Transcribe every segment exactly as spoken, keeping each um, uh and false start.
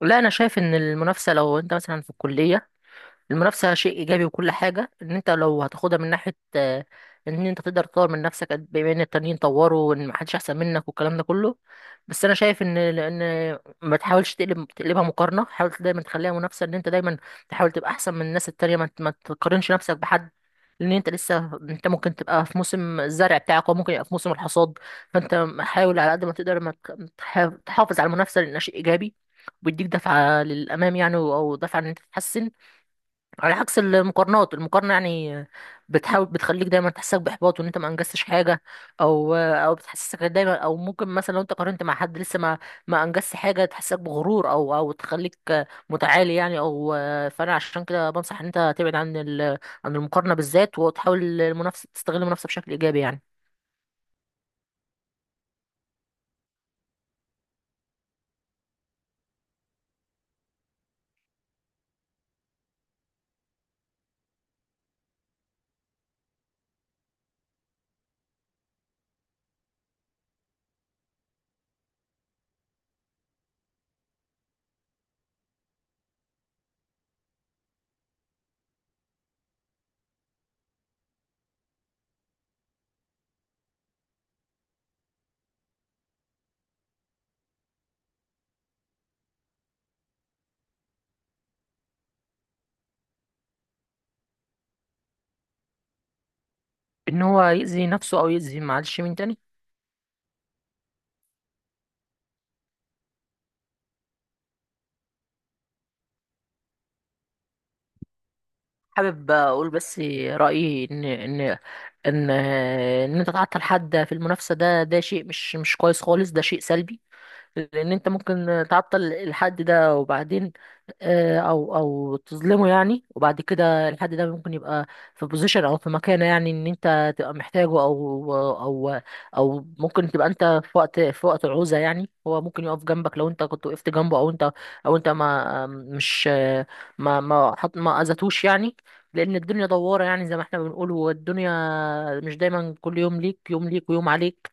لا، انا شايف ان المنافسه لو انت مثلا في الكليه، المنافسة شيء إيجابي وكل حاجة. إن أنت لو هتاخدها من ناحية آه، إن أنت تقدر تطور من نفسك قد- بما إن التانيين طوروا وإن محدش أحسن منك والكلام ده كله. بس أنا شايف إن إن ما تحاولش تقلب تقلبها مقارنة، حاول دايما تخليها منافسة. إن أنت دايما تحاول تبقى أحسن من الناس التانية، ما ت- ما تقارنش نفسك بحد، لأن أنت لسه، أنت ممكن تبقى في موسم الزرع بتاعك وممكن يبقى في موسم الحصاد. فأنت حاول على قد ما تقدر ما ت- تح- تحافظ على المنافسة لأنها شيء إيجابي، وبيديك دفعة للأمام يعني، أو دفعة إن أنت تتحسن، على عكس المقارنات. المقارنة يعني بتحاول، بتخليك دايما تحسسك بإحباط وإن أنت ما أنجزتش حاجة، أو أو بتحسسك دايما، أو ممكن مثلا لو أنت قارنت مع حد لسه ما ما أنجزش حاجة، تحسسك بغرور أو أو تخليك متعالي يعني أو. فأنا عشان كده بنصح إن أنت تبعد عن ال عن المقارنة بالذات، وتحاول المنافسة، تستغل المنافسة بشكل إيجابي يعني. إن هو يأذي نفسه أو يأذي، معلش، مين تاني؟ حابب اقول بس رايي، ان ان ان ان انت تعطل حد في المنافسه، ده ده شيء مش مش كويس خالص، ده شيء سلبي. لان انت ممكن تعطل الحد ده وبعدين آه، او او تظلمه يعني، وبعد كده الحد ده ممكن يبقى في بوزيشن او في مكانه يعني، ان انت تبقى محتاجه او او. او ممكن تبقى انت في وقت في وقت العوزة يعني، هو ممكن يقف جنبك لو انت كنت وقفت جنبه، او انت، او انت ما مش، ما ما حط ما اذتوش يعني. لان الدنيا دوارة، يعني زي ما احنا بنقول، والدنيا مش دايما، كل يوم ليك، يوم ليك ويوم عليك.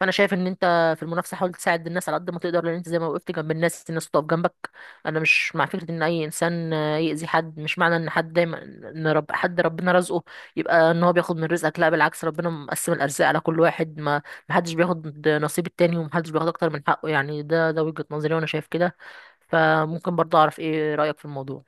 فانا شايف ان انت في المنافسه، حاول تساعد الناس على قد ما تقدر، لان انت زي ما وقفت جنب الناس، الناس تقف جنبك. انا مش مع فكره ان اي انسان آه، يأذي حد. مش معنى ان حد دايما، ان رب حد ربنا رزقه، يبقى ان هو بياخد من رزقك. لا، بالعكس، ربنا مقسم الارزاق على كل واحد. ما محدش بياخد نصيب التاني، ومحدش بياخد اكتر من حقه يعني. ده ده وجهه نظري، وانا شايف كده. فممكن برضه اعرف ايه رأيك في الموضوع؟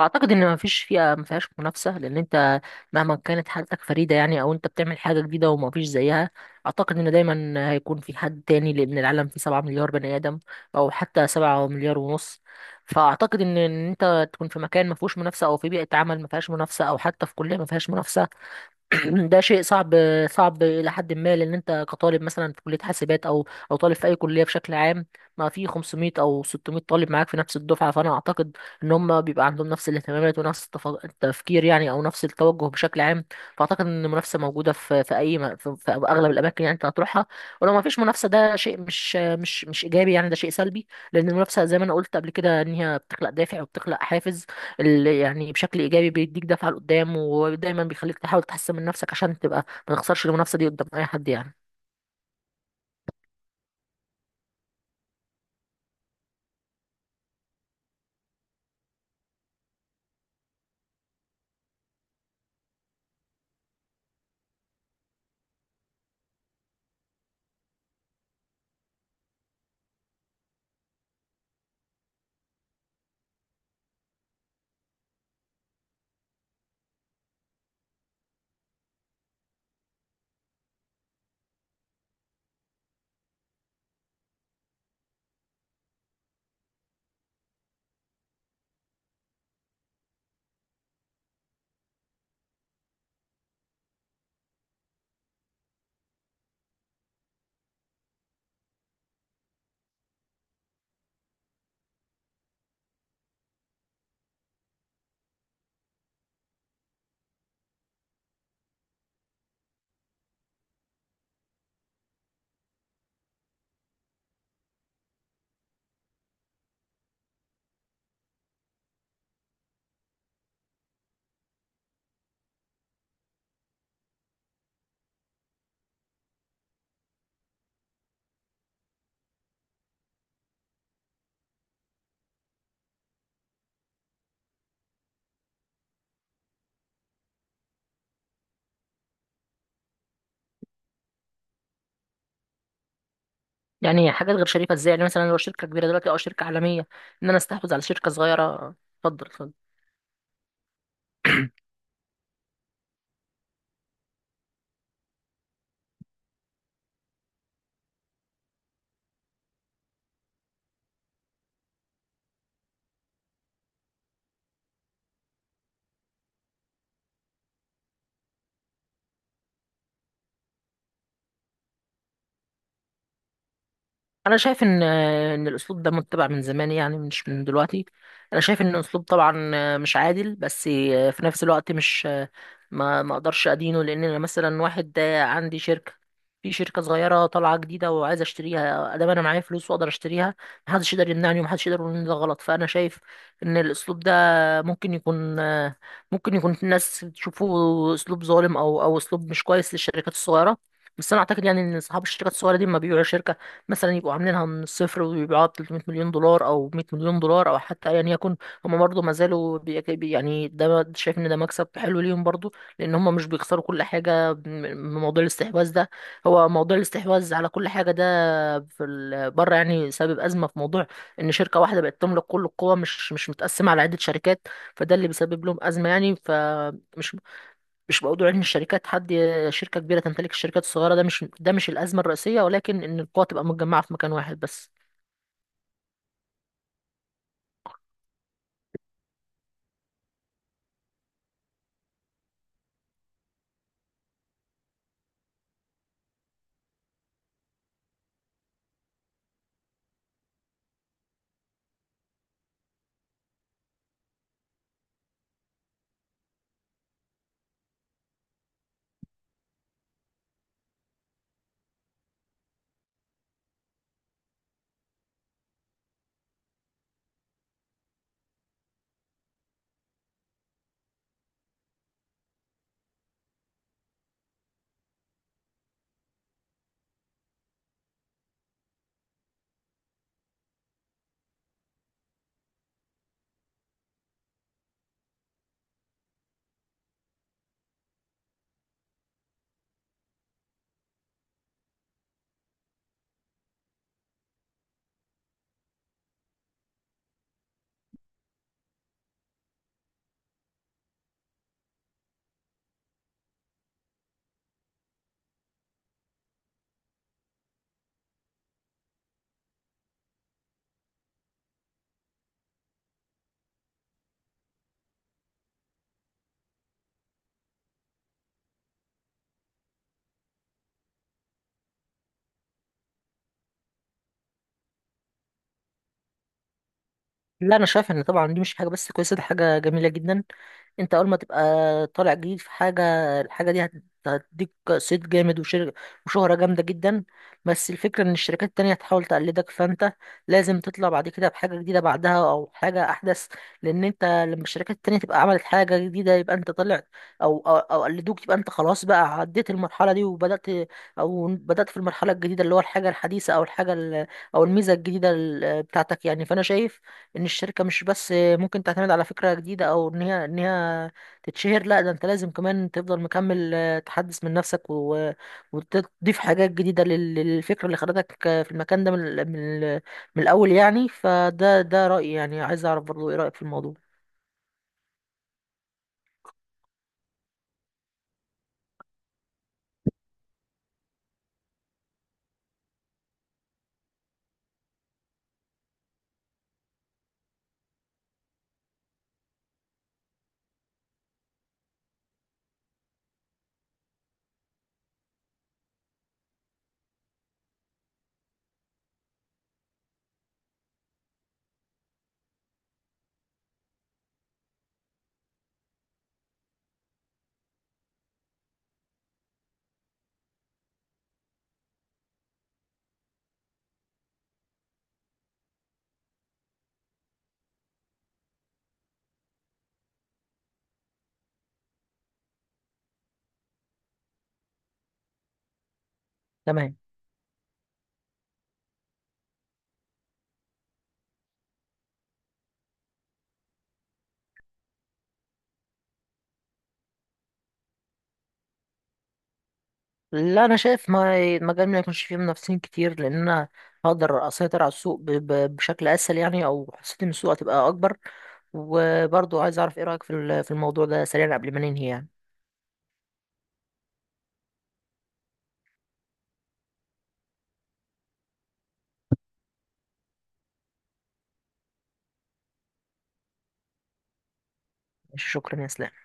اعتقد ان مفيش فيها ما فيهاش منافسه، لان انت مهما كانت حالتك فريده يعني، او انت بتعمل حاجه جديده ومفيش زيها، اعتقد ان دايما هيكون في حد تاني، لان العالم فيه سبعة مليار بني ادم، او حتى سبعة مليار ونص. فاعتقد ان ان انت تكون في مكان ما فيهوش منافسه، او في بيئه عمل ما فيهاش منافسه، او حتى في كليه ما فيهاش منافسه، ده شيء صعب. صعب الى حد ما، لان انت كطالب مثلا في كليه حاسبات، او او طالب في اي كليه بشكل عام، ما في خمسمئة او ستمئة طالب معاك في نفس الدفعه. فانا اعتقد ان هم بيبقى عندهم نفس الاهتمامات، ونفس التف- التفكير يعني، او نفس التوجه بشكل عام. فاعتقد ان المنافسه موجوده في في اي م- في, في اغلب الاماكن يعني انت هتروحها. ولو ما فيش منافسه، ده شيء مش مش مش ايجابي يعني، ده شيء سلبي. لان المنافسه، زي ما انا قلت قبل كده، ان هي بتخلق دافع وبتخلق حافز، اللي يعني بشكل ايجابي بيديك دفعه لقدام، ودايما بيخليك تحاول تحسن من نفسك، عشان تبقى ما تخسرش المنافسه دي قدام اي حد يعني. يعني حاجات غير شريفه ازاي؟ يعني مثلا لو شركه كبيره دلوقتي او شركه عالميه، ان انا استحوذ على شركه صغيره؟ اتفضل اتفضل. انا شايف ان ان الاسلوب ده متبع من زمان يعني، مش من دلوقتي. انا شايف ان الاسلوب طبعا مش عادل، بس في نفس الوقت مش، ما ما اقدرش ادينه، لان انا مثلا واحد عندي شركه، في شركه صغيره طالعه جديده وعايز اشتريها، ادام انا معايا فلوس واقدر اشتريها، محدش يقدر يمنعني، ومحدش يقدر يقول ان ده غلط. فانا شايف ان الاسلوب ده ممكن يكون، ممكن يكون الناس تشوفه اسلوب ظالم، او او اسلوب مش كويس للشركات الصغيره. بس انا اعتقد يعني ان اصحاب الشركات الصغيره دي لما بيبيعوا شركه، مثلا يبقوا عاملينها من الصفر ويبيعوها ب تلتميه مليون دولار، او ميه مليون دولار، او حتى ايا يكن، هم برضه ما زالوا بي- بي- يعني ده م- شايف ان ده مكسب حلو ليهم برضه، لان هم مش بيخسروا كل حاجه م- من موضوع الاستحواذ ده. هو موضوع الاستحواذ على كل حاجه ده في ال- بره، يعني سبب ازمه في موضوع ان شركه واحده بقت تملك كل القوه، مش مش متقسمه على عده شركات. فده اللي بيسبب لهم ازمه يعني، فمش مش موضوع ان الشركات حد، شركه كبيره تمتلك الشركات الصغيره، ده مش ده مش الازمه الرئيسيه، ولكن ان القوه تبقى متجمعه في مكان واحد بس. لا، انا شايف ان طبعا دي مش حاجه بس كويسه، دي حاجه جميله جدا. انت اول ما تبقى طالع جديد في حاجه، الحاجه دي هت- هتديك صيت جامد، وشر... وشهره جامده جدا. بس الفكره ان الشركات التانية هتحاول تقلدك، فانت لازم تطلع بعد كده بحاجه جديده بعدها، او حاجه احدث. لان انت لما الشركات التانية تبقى عملت حاجه جديده، يبقى انت طلع، او او, أو قلدوك، يبقى انت خلاص بقى عديت المرحله دي، وبدات، او بدات في المرحله الجديده، اللي هو الحاجه الحديثه، او الحاجه ال- او الميزه الجديده ال- بتاعتك يعني. فانا شايف ان الشركه مش بس ممكن تعتمد على فكره جديده، او ان هي ان هي تتشهر، لا، ده انت لازم كمان تفضل مكمل، آه، تحدث من نفسك، و... وتضيف حاجات جديده لل- للفكره اللي خدتك آه، في المكان ده من ال- من ال- من الاول يعني. فده ده رايي يعني، عايز اعرف برضو ايه رايك في الموضوع؟ تمام. لا، انا شايف ما المجال ما يكونش فيه منافسين كتير، لان انا هقدر اسيطر على السوق ب... ب... بشكل اسهل يعني، او حسيت ان السوق هتبقى اكبر. وبرضو عايز اعرف ايه رايك في ال- في الموضوع ده سريعا قبل ما ننهي يعني. ماشي، شكرا يا اسلام.